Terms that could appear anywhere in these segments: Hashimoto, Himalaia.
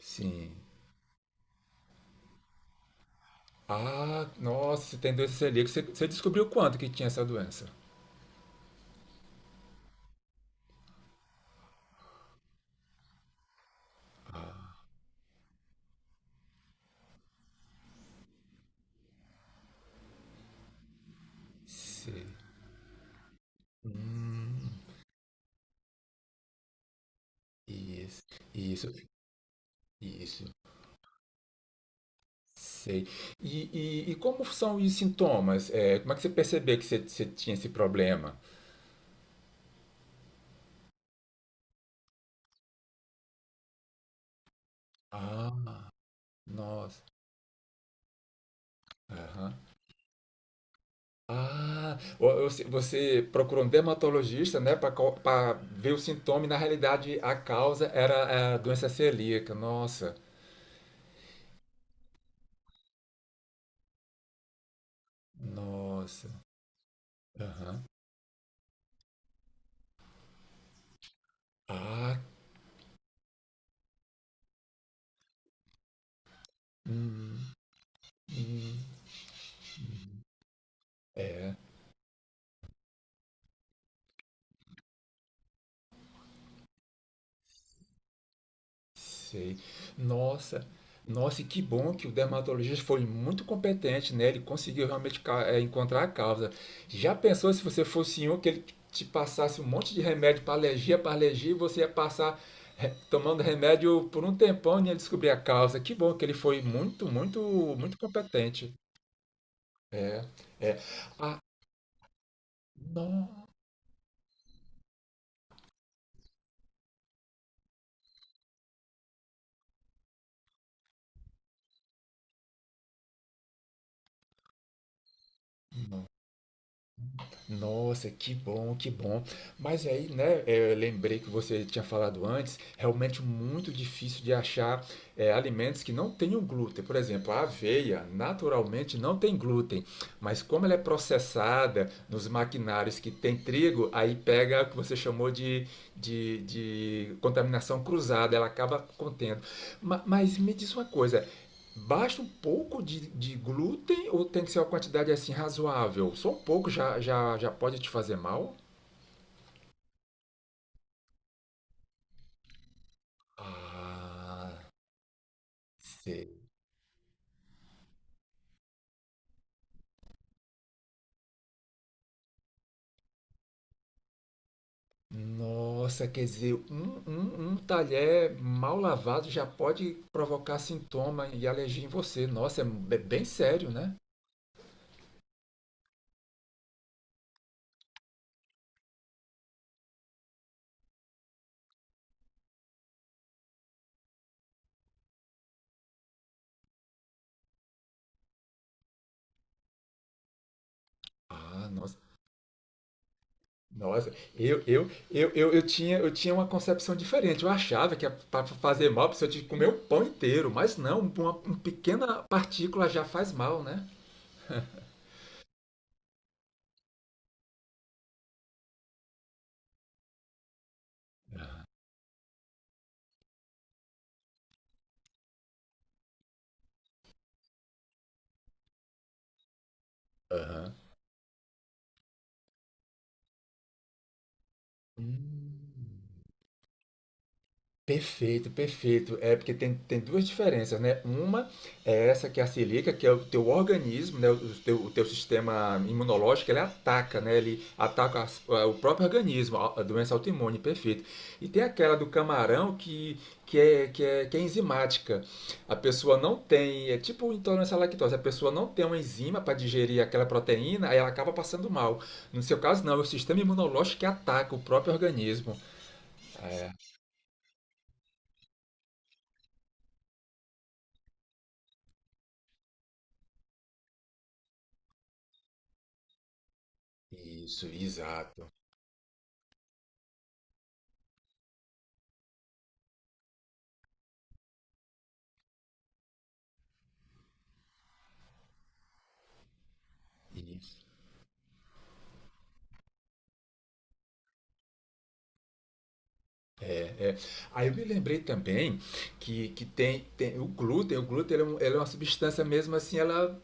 Sim. Ah, nossa, você tem doença celíaca. Você descobriu quanto que tinha essa doença? Sei. Hum, isso, isso, isso. Sei. E como são os sintomas? É, como é que você percebeu que você tinha esse problema? Ah, nossa. Aham. Ah, você procurou um dermatologista, né, para ver o sintoma e na realidade a causa era a doença celíaca. Nossa, nossa. Aham. Ah, hum, hum, é, sei. Nossa, nossa, e que bom que o dermatologista foi muito competente, né? Ele conseguiu realmente encontrar a causa. Já pensou se você fosse um que ele te passasse um monte de remédio para alergia, e você ia passar tomando remédio por um tempão e ia descobrir a causa. Que bom que ele foi muito, muito, muito competente. É, é. Ah, nossa, que bom, que bom. Mas aí, né, eu lembrei que você tinha falado antes, realmente muito difícil de achar alimentos que não tenham glúten. Por exemplo, a aveia naturalmente não tem glúten, mas como ela é processada nos maquinários que tem trigo, aí pega o que você chamou de contaminação cruzada, ela acaba contendo. Mas me diz uma coisa. Basta um pouco de glúten ou tem que ser uma quantidade assim razoável? Só um pouco já pode te fazer mal? Ah, sei. Nossa, quer dizer, um talher mal lavado já pode provocar sintoma e alergia em você. Nossa, é bem sério, né? Ah, nossa. Nossa, eu tinha uma concepção diferente. Eu achava que para fazer mal precisava de comer o pão inteiro, mas não, uma pequena partícula já faz mal, né? Aham. Hum, Perfeito, perfeito. É porque tem duas diferenças, né? Uma é essa que é a silica, que é o teu organismo, né? O teu sistema imunológico, ele ataca, né? Ele ataca o próprio organismo, a doença autoimune, perfeito. E tem aquela do camarão que é enzimática. A pessoa não tem, é tipo intolerância à lactose, a pessoa não tem uma enzima para digerir aquela proteína, aí ela acaba passando mal. No seu caso, não, é o sistema imunológico que ataca o próprio organismo. Isso, exato. Isso. É, é. Aí eu me lembrei também que tem o glúten, ele é, ele é uma substância mesmo assim, ela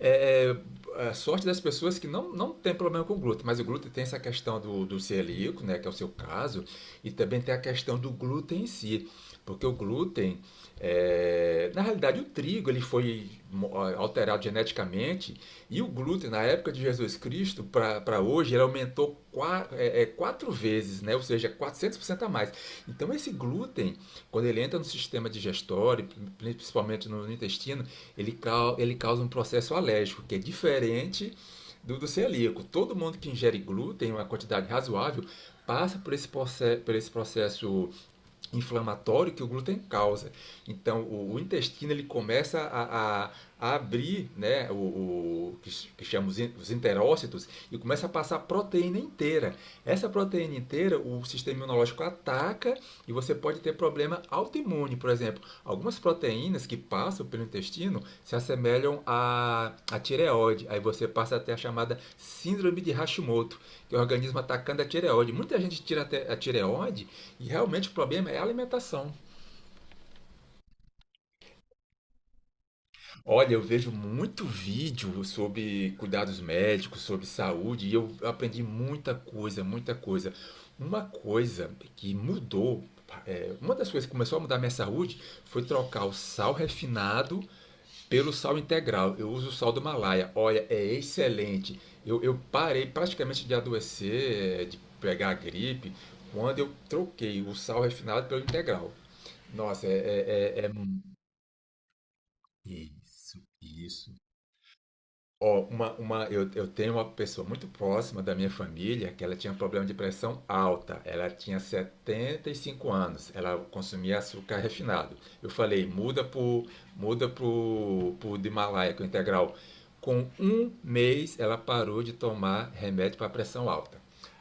é, é a sorte das pessoas que não tem problema com o glúten, mas o glúten tem essa questão do celíaco, né, que é o seu caso, e também tem a questão do glúten em si, porque o glúten, na realidade o trigo ele foi alterado geneticamente e o glúten na época de Jesus Cristo para hoje ele aumentou 4 vezes, né? Ou seja, 400% a mais. Então, esse glúten, quando ele entra no sistema digestório, principalmente no intestino, ele, ele causa um processo alérgico, que é diferente do celíaco. Todo mundo que ingere glúten, uma quantidade razoável, passa por esse processo inflamatório que o glúten causa. Então, o intestino ele começa a, a abrir, né, o que chamamos os enterócitos, e começa a passar a proteína inteira. Essa proteína inteira, o sistema imunológico ataca e você pode ter problema autoimune, por exemplo. Algumas proteínas que passam pelo intestino se assemelham à tireoide. Aí você passa até a chamada síndrome de Hashimoto, que é o organismo atacando a tireoide. Muita gente tira a tireoide e realmente o problema é a alimentação. Olha, eu vejo muito vídeo sobre cuidados médicos, sobre saúde, e eu aprendi muita coisa, muita coisa. Uma coisa que mudou, uma das coisas que começou a mudar a minha saúde foi trocar o sal refinado pelo sal integral. Eu uso o sal do Himalaia. Olha, é excelente. Eu parei praticamente de adoecer, de pegar gripe, quando eu troquei o sal refinado pelo integral. Nossa, isso, isso. Ó, eu tenho uma pessoa muito próxima da minha família que ela tinha um problema de pressão alta. Ela tinha 75 anos, ela consumia açúcar refinado. Eu falei, pro do Himalaia, que é o integral. Com um mês, ela parou de tomar remédio para pressão alta.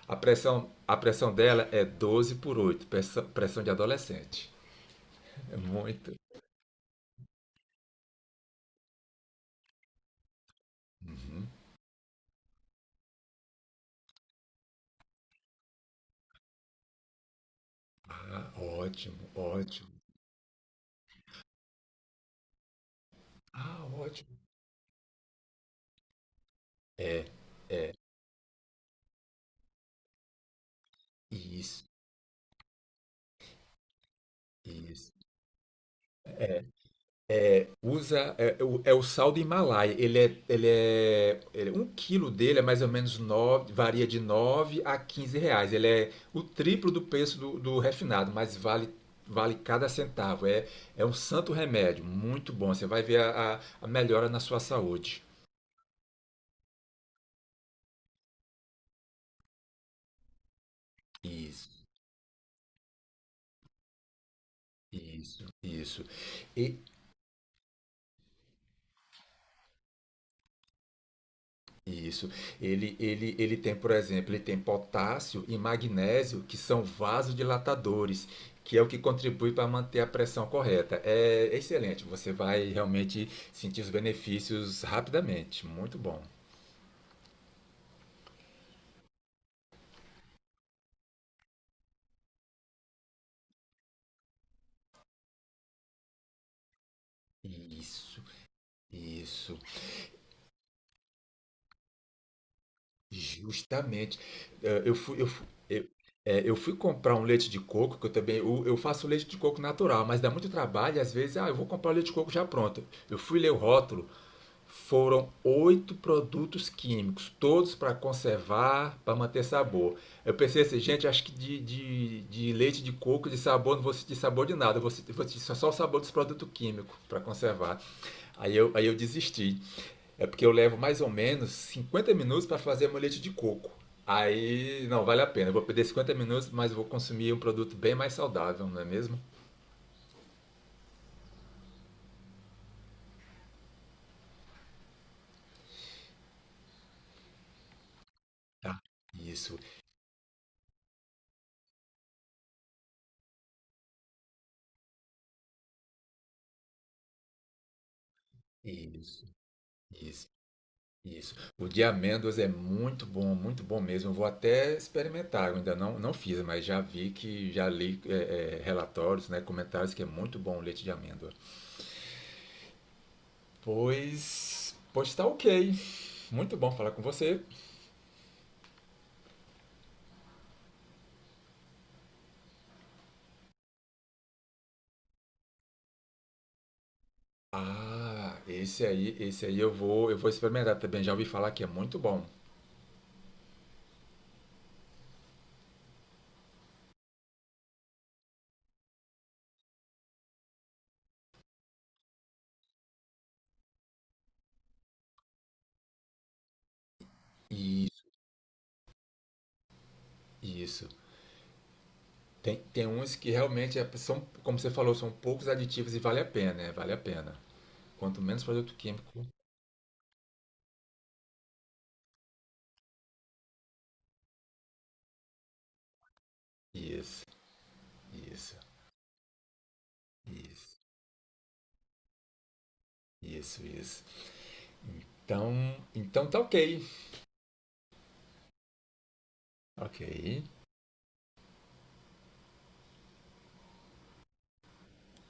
A pressão dela é 12 por 8, pressão de adolescente. É muito. Ah, ótimo, ótimo. Ah, ótimo. É, isso, isso. Usa, é o sal do Himalaia. Um quilo dele é mais ou menos nove, varia de 9 a 15 reais. Ele é o triplo do preço do refinado, mas vale cada centavo. É um santo remédio, muito bom. Você vai ver a melhora na sua saúde. Isso, isso, isso. Isso. Ele tem, por exemplo, ele tem potássio e magnésio, que são vasodilatadores, que é o que contribui para manter a pressão correta. É excelente, você vai realmente sentir os benefícios rapidamente. Muito bom. Isso, isso. Justamente. Eh, Eu fui, eu fui, eu, eu fui comprar um leite de coco, que eu também eu faço leite de coco natural, mas dá muito trabalho, e às vezes, eu vou comprar o leite de coco já pronto. Eu fui ler o rótulo. Foram oito produtos químicos, todos para conservar, para manter sabor. Eu pensei assim, gente, acho que de leite de coco, de sabor, não vou sentir sabor de nada, vou sentir só o sabor dos produtos químicos para conservar. Aí eu desisti. É porque eu levo mais ou menos 50 minutos para fazer meu leite de coco. Aí, não, vale a pena. Eu vou perder 50 minutos, mas vou consumir um produto bem mais saudável, não é mesmo? Tá. Isso, isso, isso. Isso. O de amêndoas é muito bom mesmo. Eu vou até experimentar. Eu ainda não fiz, mas já vi que já li relatórios, né, comentários que é muito bom o leite de amêndoa. Pois tá ok. Muito bom falar com você. Ah, esse aí eu vou experimentar também. Já ouvi falar que é muito bom. Isso, isso. Tem uns que realmente como você falou, são poucos aditivos e vale a pena, né? Vale a pena. Quanto menos produto químico, isso, isso, isso. Isso, isso. Então, então tá ok. Ok.